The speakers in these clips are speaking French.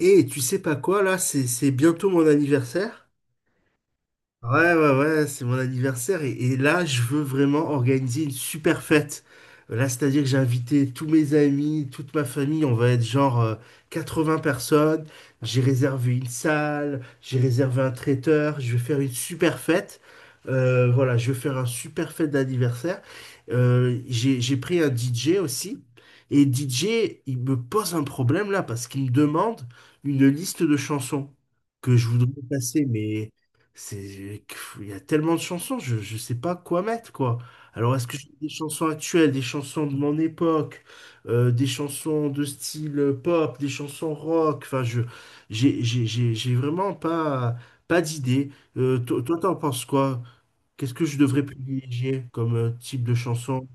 Et tu sais pas quoi, là, c'est bientôt mon anniversaire. Ouais, ouais, ouais, c'est mon anniversaire et là, je veux vraiment organiser une super fête. Là, c'est-à-dire que j'ai invité tous mes amis, toute ma famille, on va être genre vingts personnes. J'ai réservé une salle, j'ai réservé un traiteur, je vais faire une super fête. Voilà, je vais faire un super fête d'anniversaire. J'ai pris un DJ aussi et DJ, il me pose un problème là parce qu'il me demande une liste de chansons que je voudrais passer, mais... C'est, il y a tellement de chansons, je ne sais pas quoi mettre, quoi. Alors, est-ce que j'ai des chansons actuelles, des chansons de mon époque, des chansons de style pop, des chansons rock? Enfin, j'ai vraiment pas d'idée. Toi, t'en penses quoi? Qu'est-ce que je devrais privilégier comme type de chanson?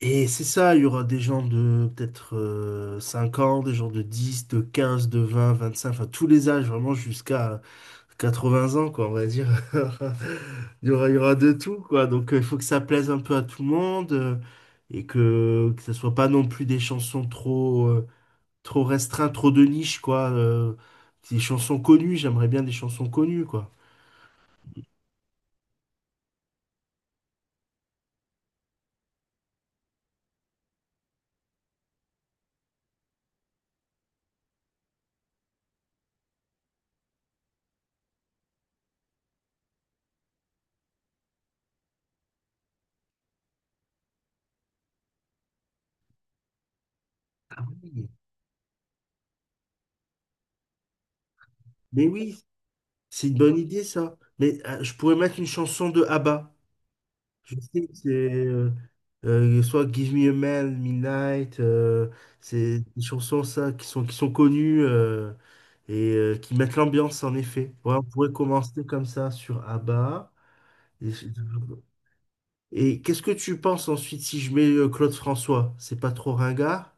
Et c'est ça, il y aura des gens de peut-être 5 ans, des gens de 10, de 15, de 20, 25, enfin tous les âges, vraiment jusqu'à 80 ans, quoi, on va dire. Il y aura de tout, quoi. Donc il faut que ça plaise un peu à tout le monde et que ce soit pas non plus des chansons trop restreintes, trop de niche, quoi. Des chansons connues, j'aimerais bien des chansons connues, quoi. Ah oui. Mais oui, c'est une bonne idée, ça. Mais je pourrais mettre une chanson de ABBA. Je sais que c'est euh, soit Give Me a Man, Midnight, c'est des chansons ça, qui sont connues et qui mettent l'ambiance en effet. Ouais, on pourrait commencer comme ça sur ABBA. Et, et qu'est-ce que tu penses ensuite si je mets Claude François? C'est pas trop ringard,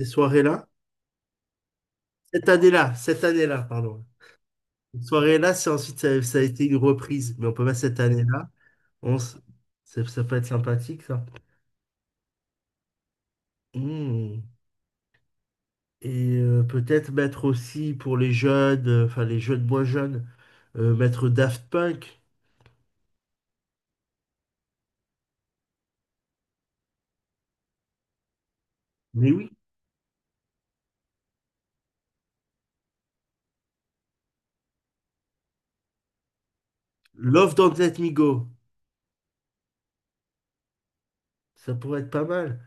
ces soirées-là? Cette année-là, pardon. Cette soirée-là, c'est ensuite ça a été une reprise, mais on peut mettre cette année-là. On s- ça peut être sympathique ça. Hmm. Et peut-être mettre aussi pour les jeunes, enfin les jeunes moins jeunes, mettre Daft Punk. Mais oui, Love Don't Let Me Go. Ça pourrait être pas mal.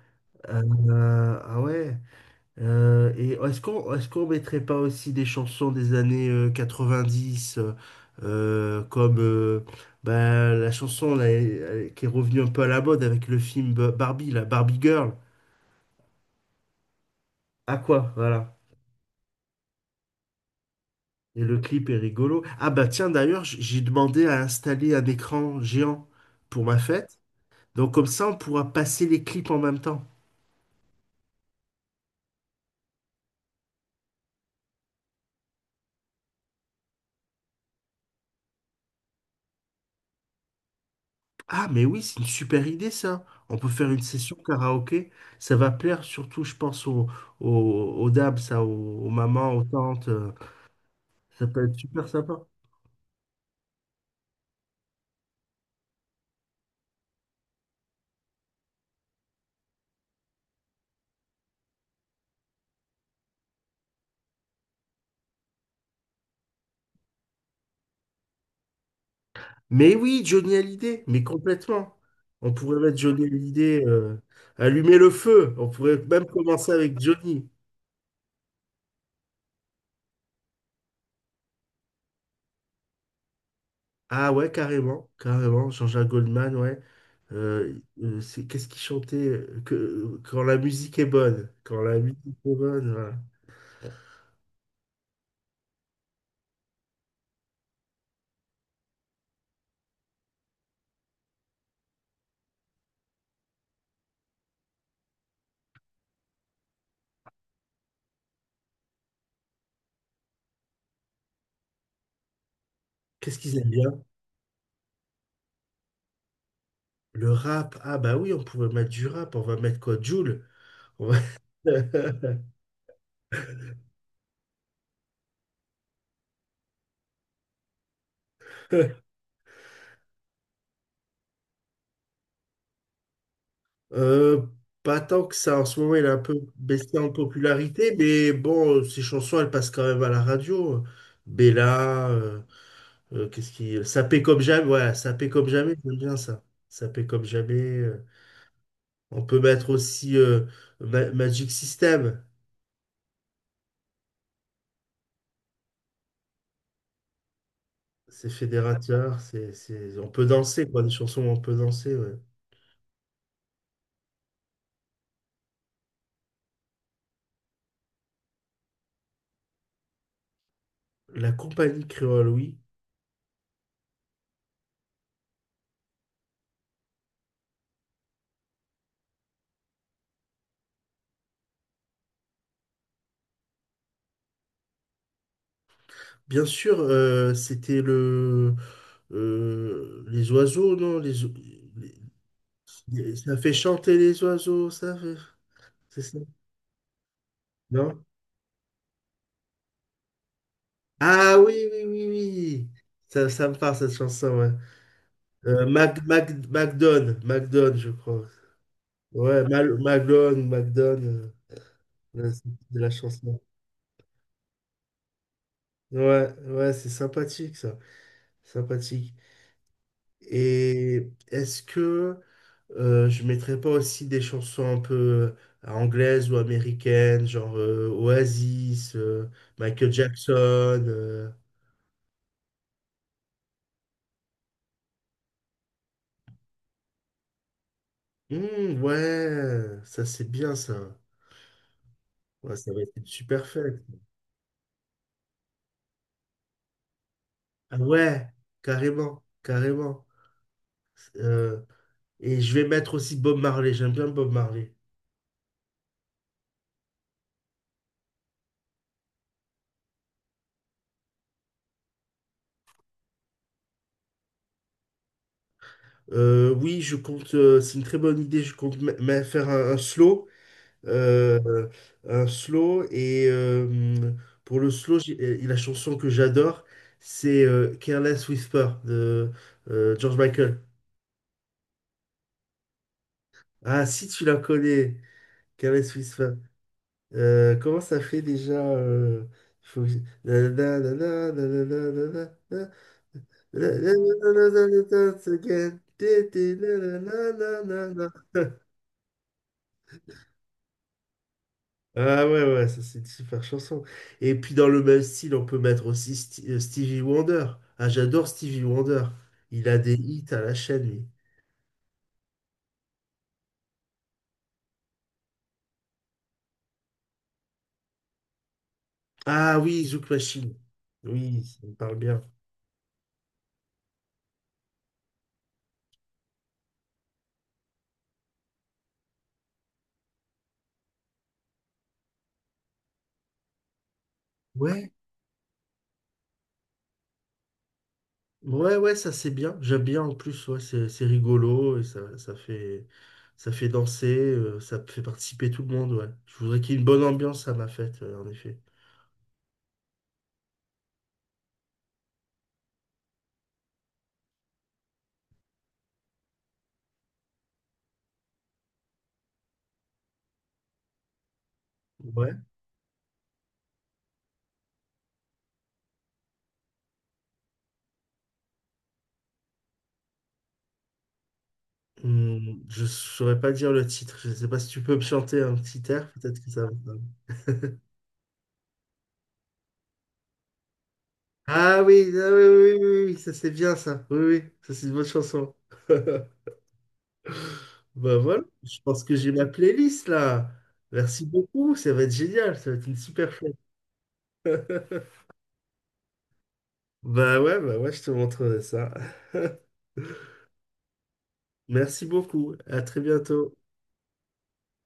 Ah ouais. Et est-ce qu'on mettrait pas aussi des chansons des années 90 comme bah, la chanson là, qui est revenue un peu à la mode avec le film Barbie, la Barbie Girl. À quoi? Voilà. Et le clip est rigolo. Ah bah tiens, d'ailleurs, j'ai demandé à installer un écran géant pour ma fête. Donc comme ça, on pourra passer les clips en même temps. Ah mais oui, c'est une super idée ça. On peut faire une session karaoké. Ça va plaire surtout, je pense, aux, aux dames, ça, aux mamans, aux tantes. Ça peut être super sympa. Mais oui, Johnny Hallyday, mais complètement. On pourrait mettre Johnny Hallyday, allumer le feu. On pourrait même commencer avec Johnny. Ah ouais, carrément, carrément, Jean-Jacques Goldman, ouais. C'est qu'est-ce qu'il chantait quand la musique est bonne, quand la musique est bonne, voilà. Qu'est-ce qu'ils aiment bien? Le rap. Ah bah oui, on pourrait mettre du rap, on va mettre quoi? Jul. On va- Euh, Pas tant que ça. En ce moment, il a un peu baissé en popularité, mais bon, ses chansons, elles passent quand même à la radio. Bella, Sapé comme jamais, voilà, Sapé comme jamais, j'aime bien ça. Sapé comme jamais. On peut mettre aussi Magic System. C'est fédérateur, on peut danser, quoi, des chansons où on peut danser. Ouais. La compagnie créole, oui. Bien sûr, c'était le... les oiseaux, non? Les... Ça fait chanter les oiseaux, ça fait... C'est ça? Non? Ah oui, oui, oui, oui. Ça me parle, cette chanson, ouais. Mac, Mac, MacDonne, MacDonne, je crois. Ouais, Mal, Maglone, MacDonne, la- de la chanson. Ouais, ouais, c'est sympathique, ça. Sympathique. Et est-ce que je mettrais pas aussi des chansons un peu anglaises ou américaines, genre Oasis, Michael Jackson euh, mmh, ouais, ça c'est bien ça. Ouais, ça va être une super fête. Ah ouais, carrément, carrément. Euh, et je vais mettre aussi Bob Marley, j'aime bien Bob Marley. Oui, je compte, c'est une très bonne idée, je compte me faire un slow. euh, un slow, et pour le slow, la chanson que j'adore, c'est Careless Whisper de George Michael. Ah, si tu la connais, Careless Whisper. Comment ça fait déjà il faut que je- Nanana, nanana, nanana, nanana, again. Tété, nanana, nanana. Ah ouais, ouais, ça c'est une super chanson. Et puis dans le même style, on peut mettre aussi Stevie Wonder. Ah, j'adore Stevie Wonder. Il a des hits à la chaîne, lui. Ah oui, Zouk Machine. Oui, ça me parle bien. Ouais. Ouais, ouais, ça c'est bien. J'aime bien en plus, ouais, c'est rigolo et ça, ça fait danser, ça fait participer tout le monde, ouais. Je voudrais qu'il y ait une bonne ambiance à ma fête, en effet. Ouais. Hmm, je saurais pas dire le titre. Je sais pas si tu peux me chanter un petit air, peut-être que ça va. Ah oui, ah oui, oui, oui, oui, oui, ça c'est bien ça. Oui, oui, ça c'est une bonne chanson. Bah voilà, je pense que j'ai ma playlist là. Merci beaucoup, ça va être génial, ça va être une super fête. Bah ouais, je te montrerai ça. Merci beaucoup. À très bientôt.